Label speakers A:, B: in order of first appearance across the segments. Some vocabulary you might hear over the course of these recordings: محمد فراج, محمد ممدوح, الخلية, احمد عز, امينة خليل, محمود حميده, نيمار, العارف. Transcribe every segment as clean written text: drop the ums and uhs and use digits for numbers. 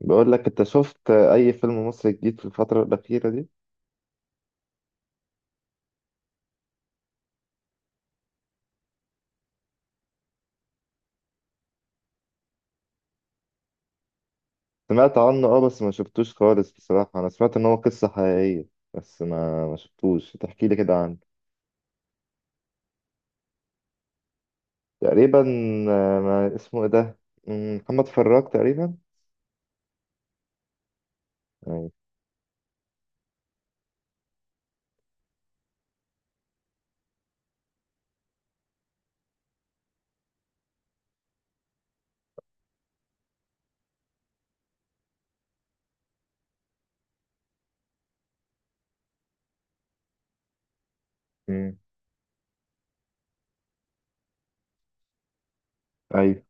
A: بقول لك انت شفت اي فيلم مصري جديد في الفترة الأخيرة دي؟ سمعت عنه اه، بس ما شفتوش خالص. بصراحة انا سمعت ان هو قصة حقيقية، بس ما شفتوش. تحكي لي كده عنه؟ تقريبا. ما اسمه ايه ده؟ محمد فراج تقريبا. ايوه. مم، ايوه.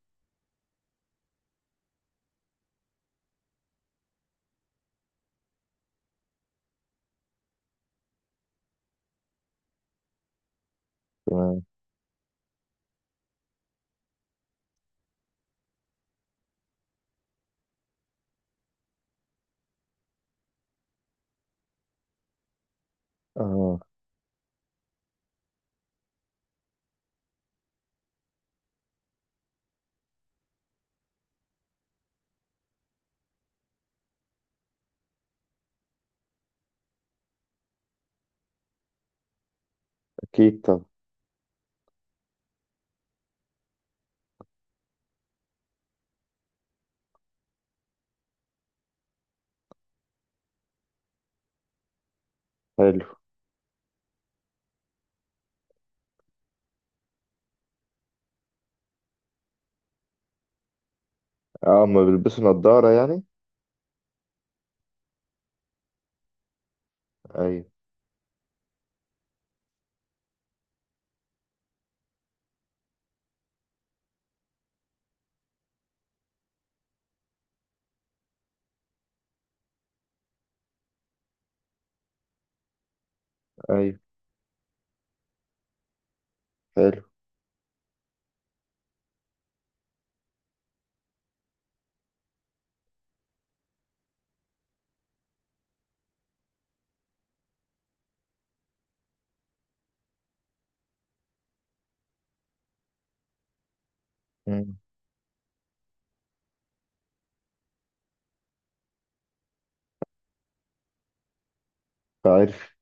A: تمام. اه. اكيد، طب. حلو. اه، هما بيلبسوا نظارة يعني. ايوه ايوه. حلو. مم، عارف.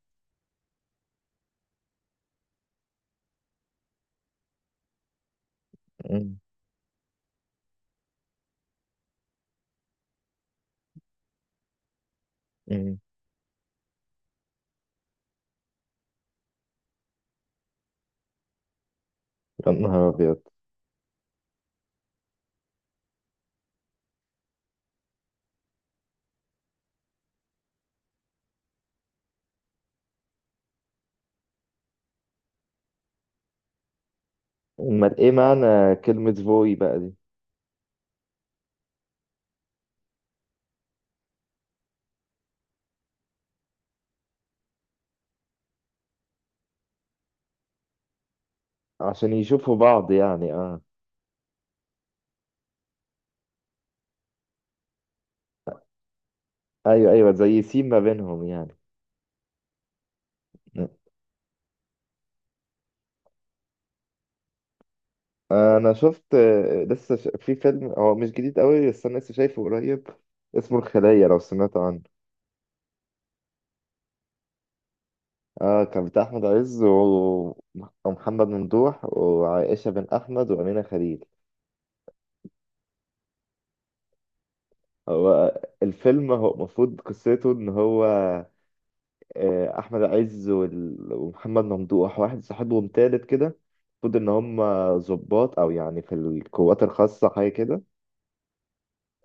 A: مم، مم. يا نهار ابيض. امال ايه معنى كلمة فوي بقى دي؟ عشان يشوفوا بعض يعني، اه. ايوه ايوه، زي سيم ما بينهم يعني. انا شفت، في فيلم هو مش جديد قوي، بس انا لسه شايفه قريب. اسمه الخلية، لو سمعت عنه. اه، كان بتاع احمد عز ومحمد ممدوح وعائشة بن احمد وامينة خليل. هو الفيلم هو المفروض قصته ان هو احمد عز ومحمد ممدوح واحد صاحبهم تالت كده. المفروض ان هم ضباط او يعني في القوات الخاصة حاجة كده.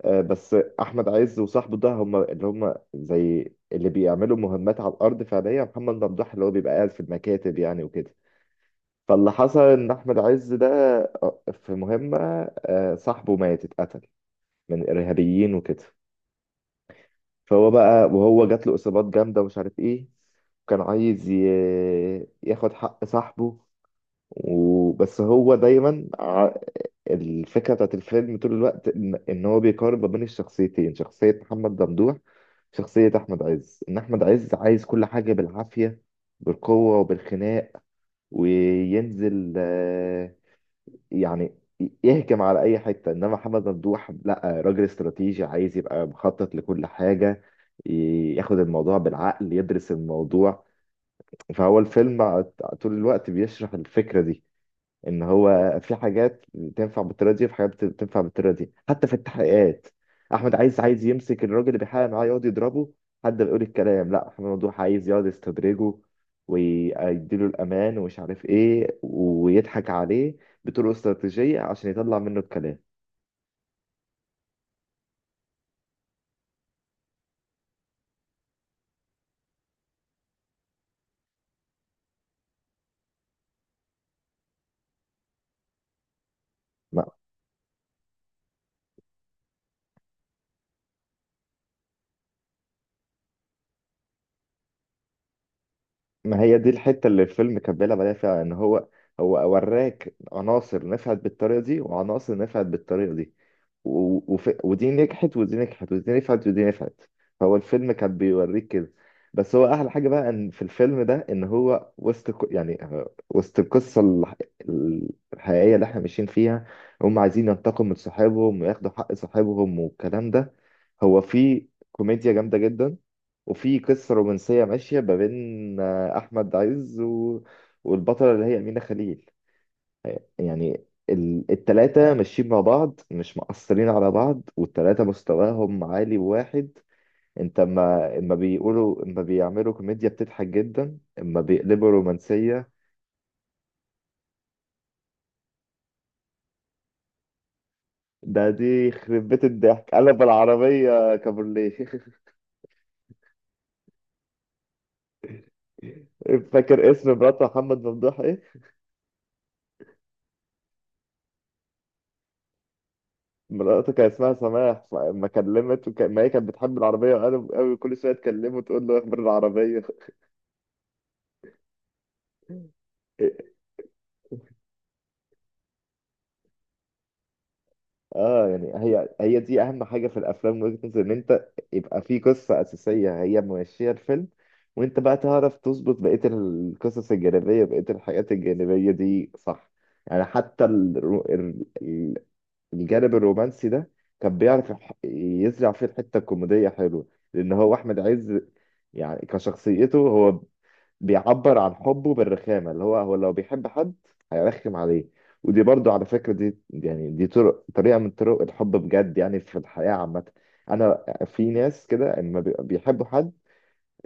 A: بس احمد عز وصاحبه ده هم اللي هم زي اللي بيعملوا مهمات على الارض فعليا. محمد ممدوح اللي هو بيبقى قاعد في المكاتب يعني وكده. فاللي حصل ان احمد عز ده في مهمه صاحبه مات، اتقتل من ارهابيين وكده. فهو بقى وهو جات له اصابات جامده ومش عارف ايه. كان عايز ياخد حق صاحبه. وبس هو دايما الفكرة بتاعت الفيلم طول الوقت إن هو بيقارن ما بين الشخصيتين، شخصية محمد ممدوح، شخصية أحمد عز. إن أحمد عز عايز كل حاجة بالعافية، بالقوة وبالخناق، وينزل يعني يهجم على أي حتة. إنما محمد ممدوح لأ، راجل استراتيجي عايز يبقى مخطط لكل حاجة، ياخد الموضوع بالعقل، يدرس الموضوع. فهو الفيلم طول الوقت بيشرح الفكرة دي، ان هو في حاجات تنفع بالطريقه دي وفي حاجات تنفع بالطريقه دي، حتى في التحقيقات. احمد عايز يمسك الراجل اللي بيحقق معاه يقعد يضربه حد بيقول الكلام. لا، احمد ممدوح عايز يقعد يستدرجه ويديله الامان ومش عارف ايه، ويضحك عليه بطرق استراتيجيه عشان يطلع منه الكلام. ما, ما هي دي الحته اللي الفيلم كان بيلعب عليها فيها، ان هو هو وراك عناصر نفعت بالطريقه دي وعناصر نفعت بالطريقه دي. ودي نجحت ودي نجحت، ودي نفعت ودي نفعت. هو الفيلم كان بيوريك كده. بس هو احلى حاجه بقى ان في الفيلم ده ان هو وسط يعني وسط القصه الحقيقيه اللي احنا ماشيين فيها، هم عايزين ينتقموا من صحابهم وياخدوا حق صحابهم والكلام ده، هو في كوميديا جامده جدا، وفي قصه رومانسيه ماشيه ما بين احمد عز والبطله اللي هي امينه خليل. يعني التلاتة ماشيين مع بعض، مش مقصرين على بعض، والتلاتة مستواهم عالي واحد. انت اما بيقولوا، اما بيعملوا كوميديا بتضحك جدا، اما بيقلبوا رومانسية. ده دي يخرب بيت الضحك، قلب العربية كابورليه. فاكر اسم مرات محمد ممدوح ايه؟ مراته كان اسمها سماح، فلما كلمت ما هي كانت بتحب العربية قوي قوي، كل شوية تكلمه تقول له اخبار العربية. اه، يعني هي دي اهم حاجه في الافلام من وجهه نظري، ان انت يبقى في قصه اساسيه هي ماشيه الفيلم، وانت بقى تعرف تظبط بقيه القصص الجانبيه، بقيه الحاجات الجانبيه دي، صح؟ يعني حتى الجانب الرومانسي ده كان بيعرف يزرع فيه الحته الكوميديه حلوه. لان هو احمد عز يعني كشخصيته هو بيعبر عن حبه بالرخامة، اللي هو هو لو بيحب حد هيرخم عليه. ودي برضو على فكرة، دي يعني دي طريقة من طرق الحب بجد يعني في الحياة عامة. أنا في ناس كده لما بيحبوا حد،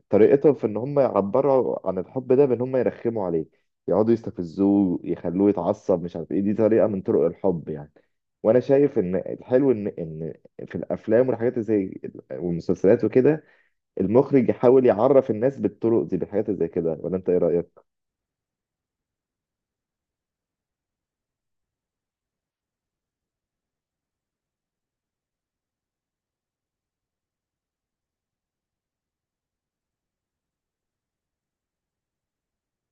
A: طريقتهم في إن هم يعبروا عن الحب ده بإن هم يرخموا عليه، يقعدوا يستفزوه، يخلوه يتعصب مش عارف إيه. دي طريقة من طرق الحب يعني. وأنا شايف إن الحلو إن في الأفلام والحاجات اللي زي والمسلسلات وكده، المخرج يحاول يعرف الناس بالطرق دي، بالحاجات اللي زي كده. ولا أنت إيه رأيك؟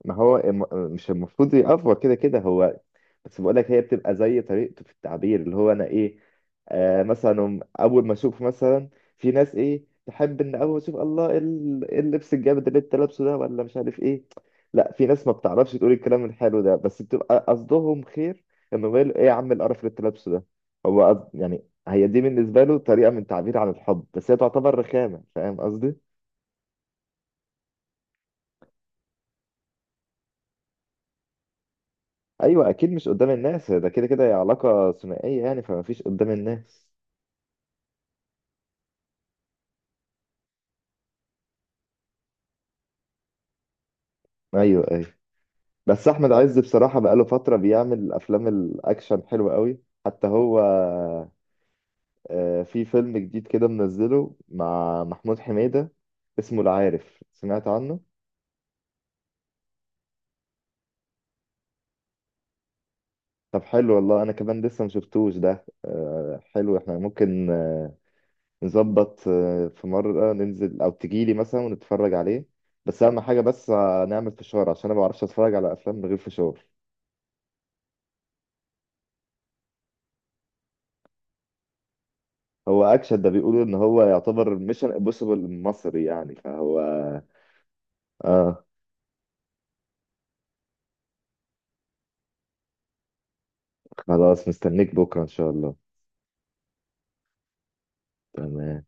A: ما هو الم- مش المفروض يأفور كده كده هو؟ بس بقول لك، هي بتبقى زي طريقته في التعبير، اللي هو انا ايه، آه، مثلا اول ما اشوف مثلا في ناس ايه تحب ان اول ما اشوف: الله، اللبس الجامد اللي انت لابسه ده، ولا مش عارف ايه. لا، في ناس ما بتعرفش تقول الكلام الحلو ده، بس بتبقى قصدهم خير. انه يقول: ايه يا عم القرف اللي انت لابسه ده؟ هو يعني هي دي بالنسبه له طريقه من تعبير عن الحب، بس هي تعتبر رخامه. فاهم قصدي؟ ايوه اكيد، مش قدام الناس، ده كده كده هي علاقه ثنائيه يعني، فما فيش قدام الناس. ايوه ايوه. بس احمد عز بصراحه بقاله فتره بيعمل افلام الاكشن حلوه قوي. حتى هو في فيلم جديد كده منزله مع محمود حميده، اسمه العارف، سمعت عنه؟ طب حلو والله، انا كمان لسه ما شفتوش ده. حلو، احنا ممكن نظبط في مره ننزل او تجيلي مثلا ونتفرج عليه. بس اهم حاجه بس نعمل فشار، عشان انا ما بعرفش اتفرج على افلام من غير فشار. هو اكشن، ده بيقولوا ان هو يعتبر ميشن امبوسيبل المصري يعني، فهو اه. خلاص، مستنيك بكره ان شاء الله. تمام.